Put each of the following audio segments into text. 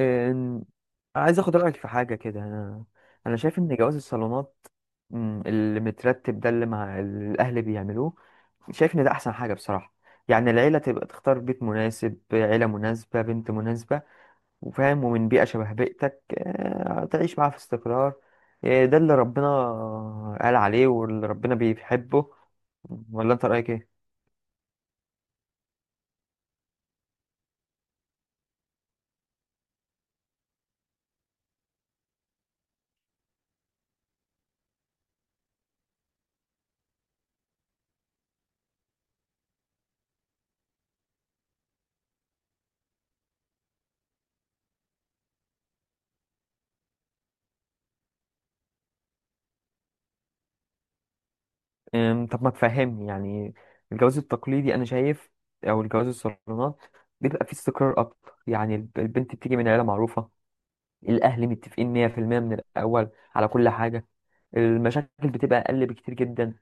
إن- عايز اخد رايك في حاجه كده. انا شايف ان جواز الصالونات، اللي مترتب ده اللي مع اللي الاهل بيعملوه. شايف ان ده احسن حاجه بصراحه. يعني العيله تبقى تختار بيت مناسب، عيله مناسبه، بنت مناسبه وفاهم ومن بيئه شبه بيئتك، تعيش معاها في استقرار. ده اللي ربنا قال عليه واللي ربنا بيحبه. ولا انت رايك ايه؟ طب ما تفهمني. يعني الجواز التقليدي انا شايف، او الجواز الصالونات، بيبقى فيه استقرار اكتر. يعني البنت بتيجي من عيله معروفه، الاهل متفقين 100% من الاول على كل حاجه، المشاكل بتبقى اقل بكتير جدا.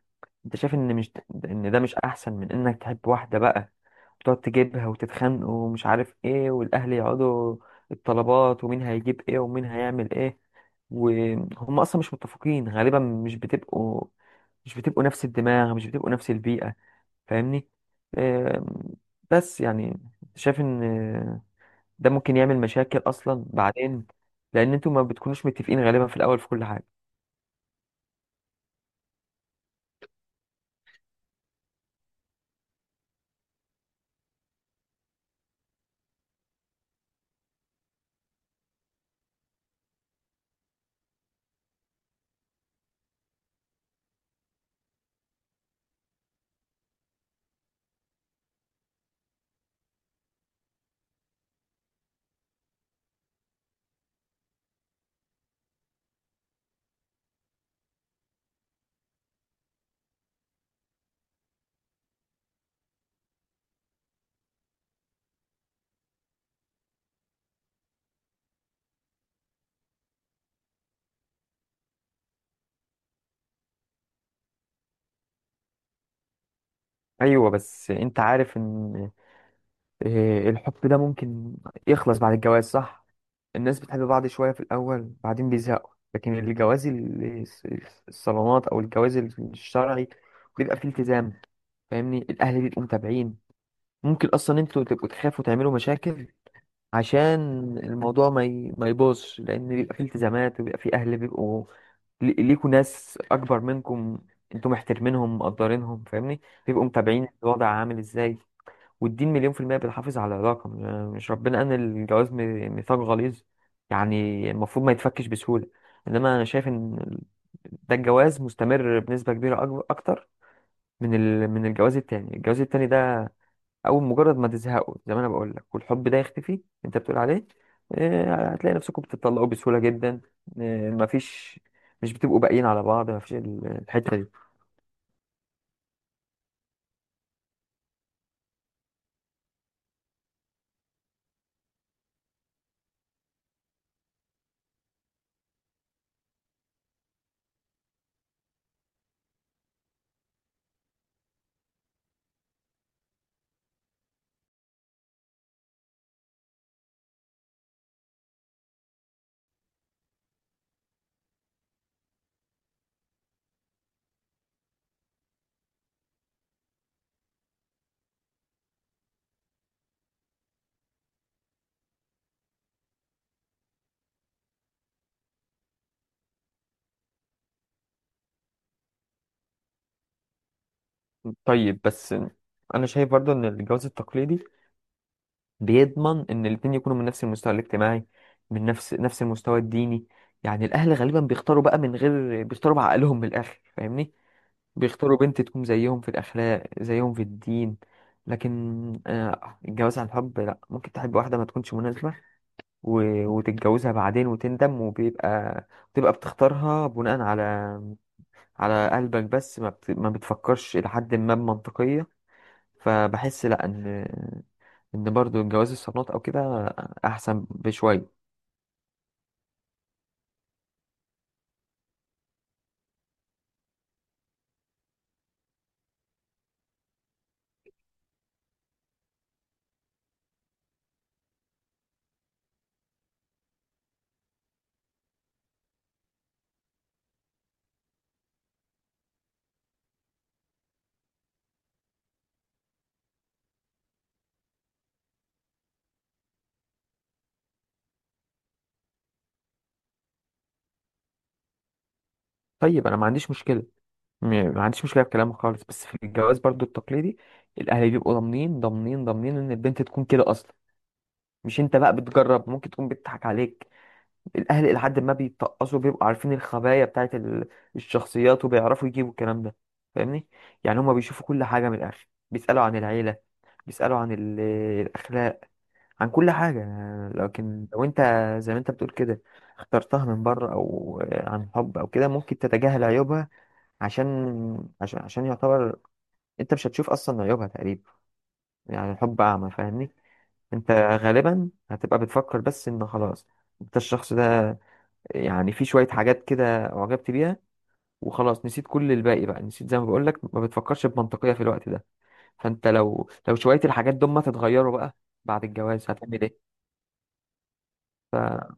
انت شايف ان مش، ان ده مش احسن من انك تحب واحده بقى، تقعد تجيبها وتتخانقوا ومش عارف ايه، والاهل يقعدوا الطلبات، ومين هيجيب ايه ومين هيعمل ايه، وهم اصلا مش متفقين غالبا. مش بتبقوا، مش بتبقوا نفس الدماغ، مش بتبقوا نفس البيئة. فاهمني؟ آم، بس يعني شايف ان ده ممكن يعمل مشاكل اصلا بعدين، لان انتوا ما بتكونوش متفقين غالبا في الاول في كل حاجة. ايوه، بس انت عارف ان الحب ده ممكن يخلص بعد الجواز، صح؟ الناس بتحب بعض شوية في الأول بعدين بيزهقوا، لكن الجواز الصالونات أو الجواز الشرعي بيبقى فيه التزام. فاهمني؟ الأهل بيبقوا متابعين. ممكن أصلا أنتوا تبقوا تخافوا تعملوا مشاكل عشان الموضوع ما يبوظش، لأن بيبقى فيه التزامات وبيبقى فيه أهل بيبقوا ليكوا، ناس أكبر منكم أنتوا محترمينهم مقدرينهم. فاهمني؟ بيبقوا متابعين الوضع عامل إزاي. والدين مليون في المية بيحافظ على العلاقة. مش ربنا قال إن الجواز ميثاق غليظ؟ يعني المفروض ما يتفكش بسهولة. إنما أنا شايف إن ده الجواز مستمر بنسبة كبيرة، أكتر من من الجواز التاني. الجواز التاني ده، أول مجرد ما تزهقوا زي ما أنا بقول لك والحب ده يختفي، أنت بتقول عليه، هتلاقي نفسكم بتطلقوا بسهولة جدا. مفيش، مش بتبقوا باقيين على بعض. مفيش الحتة دي. طيب بس أنا شايف برضو إن الجواز التقليدي بيضمن ان الاتنين يكونوا من نفس المستوى الاجتماعي، من نفس المستوى الديني. يعني الاهل غالبا بيختاروا بقى من غير، بيختاروا بعقلهم من الاخر. فاهمني؟ بيختاروا بنت تكون زيهم في الاخلاق زيهم في الدين. لكن الجواز عن حب لا، ممكن تحب واحدة ما تكونش مناسبة وتتجوزها بعدين وتندم، وبيبقى بتبقى بتختارها بناء على على قلبك بس، ما بتفكرش إلى حد ما بمنطقية. فبحس لا ان ان برضو جواز الصالونات او كده احسن بشويه. طيب انا ما عنديش مشكله، م- ما عنديش مشكله في كلامك خالص، بس في الجواز برضو التقليدي الاهل بيبقوا ضامنين ضامنين ضامنين ان البنت تكون كده اصلا، مش انت بقى بتجرب ممكن تكون بتضحك عليك. الاهل الى حد ما بيتقصوا بيبقوا عارفين الخبايا بتاعت الشخصيات وبيعرفوا يجيبوا الكلام ده. فاهمني؟ يعني هما بيشوفوا كل حاجه من الاخر، بيسالوا عن العيله، بيسالوا عن الاخلاق، عن كل حاجة. لكن لو انت زي ما انت بتقول كده اخترتها من بره او عن حب او كده، ممكن تتجاهل عيوبها عشان يعتبر، انت مش هتشوف اصلا عيوبها تقريبا. يعني الحب اعمى. فاهمني؟ انت غالبا هتبقى بتفكر بس ان خلاص انت الشخص ده، يعني في شوية حاجات كده اعجبت بيها وخلاص نسيت كل الباقي بقى. نسيت زي ما بقول لك ما بتفكرش بمنطقية في الوقت ده. فانت لو شوية الحاجات دول ما تتغيروا بقى بعد الجواز هتعمل ايه؟ ف...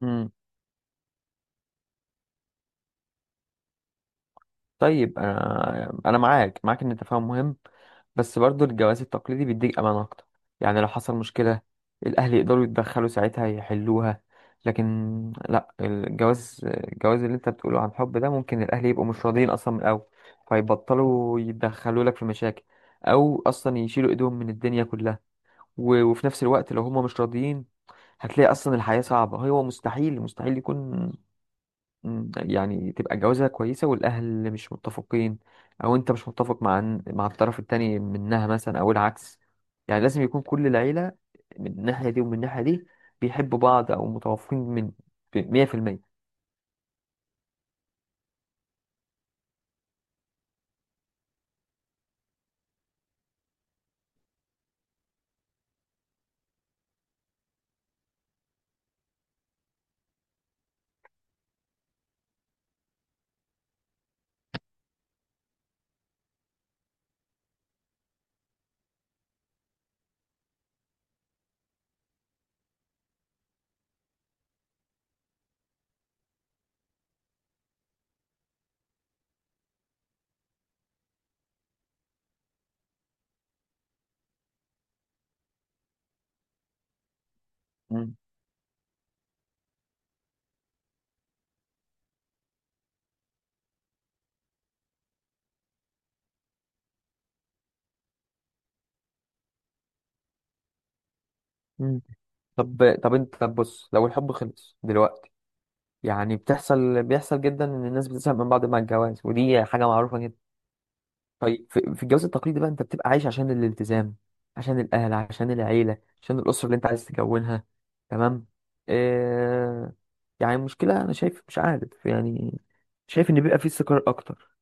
مم. طيب انا معاك ان التفاهم مهم، بس برضو الجواز التقليدي بيديك امان اكتر. يعني لو حصل مشكله، الاهل يقدروا يتدخلوا ساعتها يحلوها. لكن لا، الجواز، الجواز اللي انت بتقوله عن حب ده، ممكن الاهل يبقوا مش راضيين اصلا من الاول، فيبطلوا يتدخلوا لك في مشاكل، او اصلا يشيلوا ايدهم من الدنيا كلها. وفي نفس الوقت لو هم مش راضيين هتلاقي اصلا الحياه صعبه. هو مستحيل مستحيل يكون، يعني تبقى الجوازة كويسة والأهل مش متفقين، أو أنت مش متفق مع الطرف التاني منها مثلا، أو العكس. يعني لازم يكون كل العيلة من الناحية دي ومن الناحية دي بيحبوا بعض أو متوافقين من مية في المية. مم. مم. طب أنت طب بص، لو الحب خلص دلوقتي، يعني بتحصل بيحصل جدا إن الناس بتزهق من بعض مع الجواز، ودي حاجة معروفة جدا. طيب في في الجواز التقليدي بقى، انت بتبقى عايش عشان الالتزام، عشان الاهل، عشان العيله، عشان الاسره اللي انت عايز تكونها. تمام. آه. يعني المشكله انا شايف مش عارف يعني، شايف ان بيبقى فيه استقرار اكتر.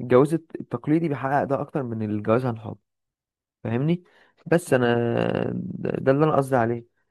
الجواز التقليدي بيحقق ده اكتر من الجواز عن حب. فاهمني؟ بس انا ده اللي انا قصدي عليه.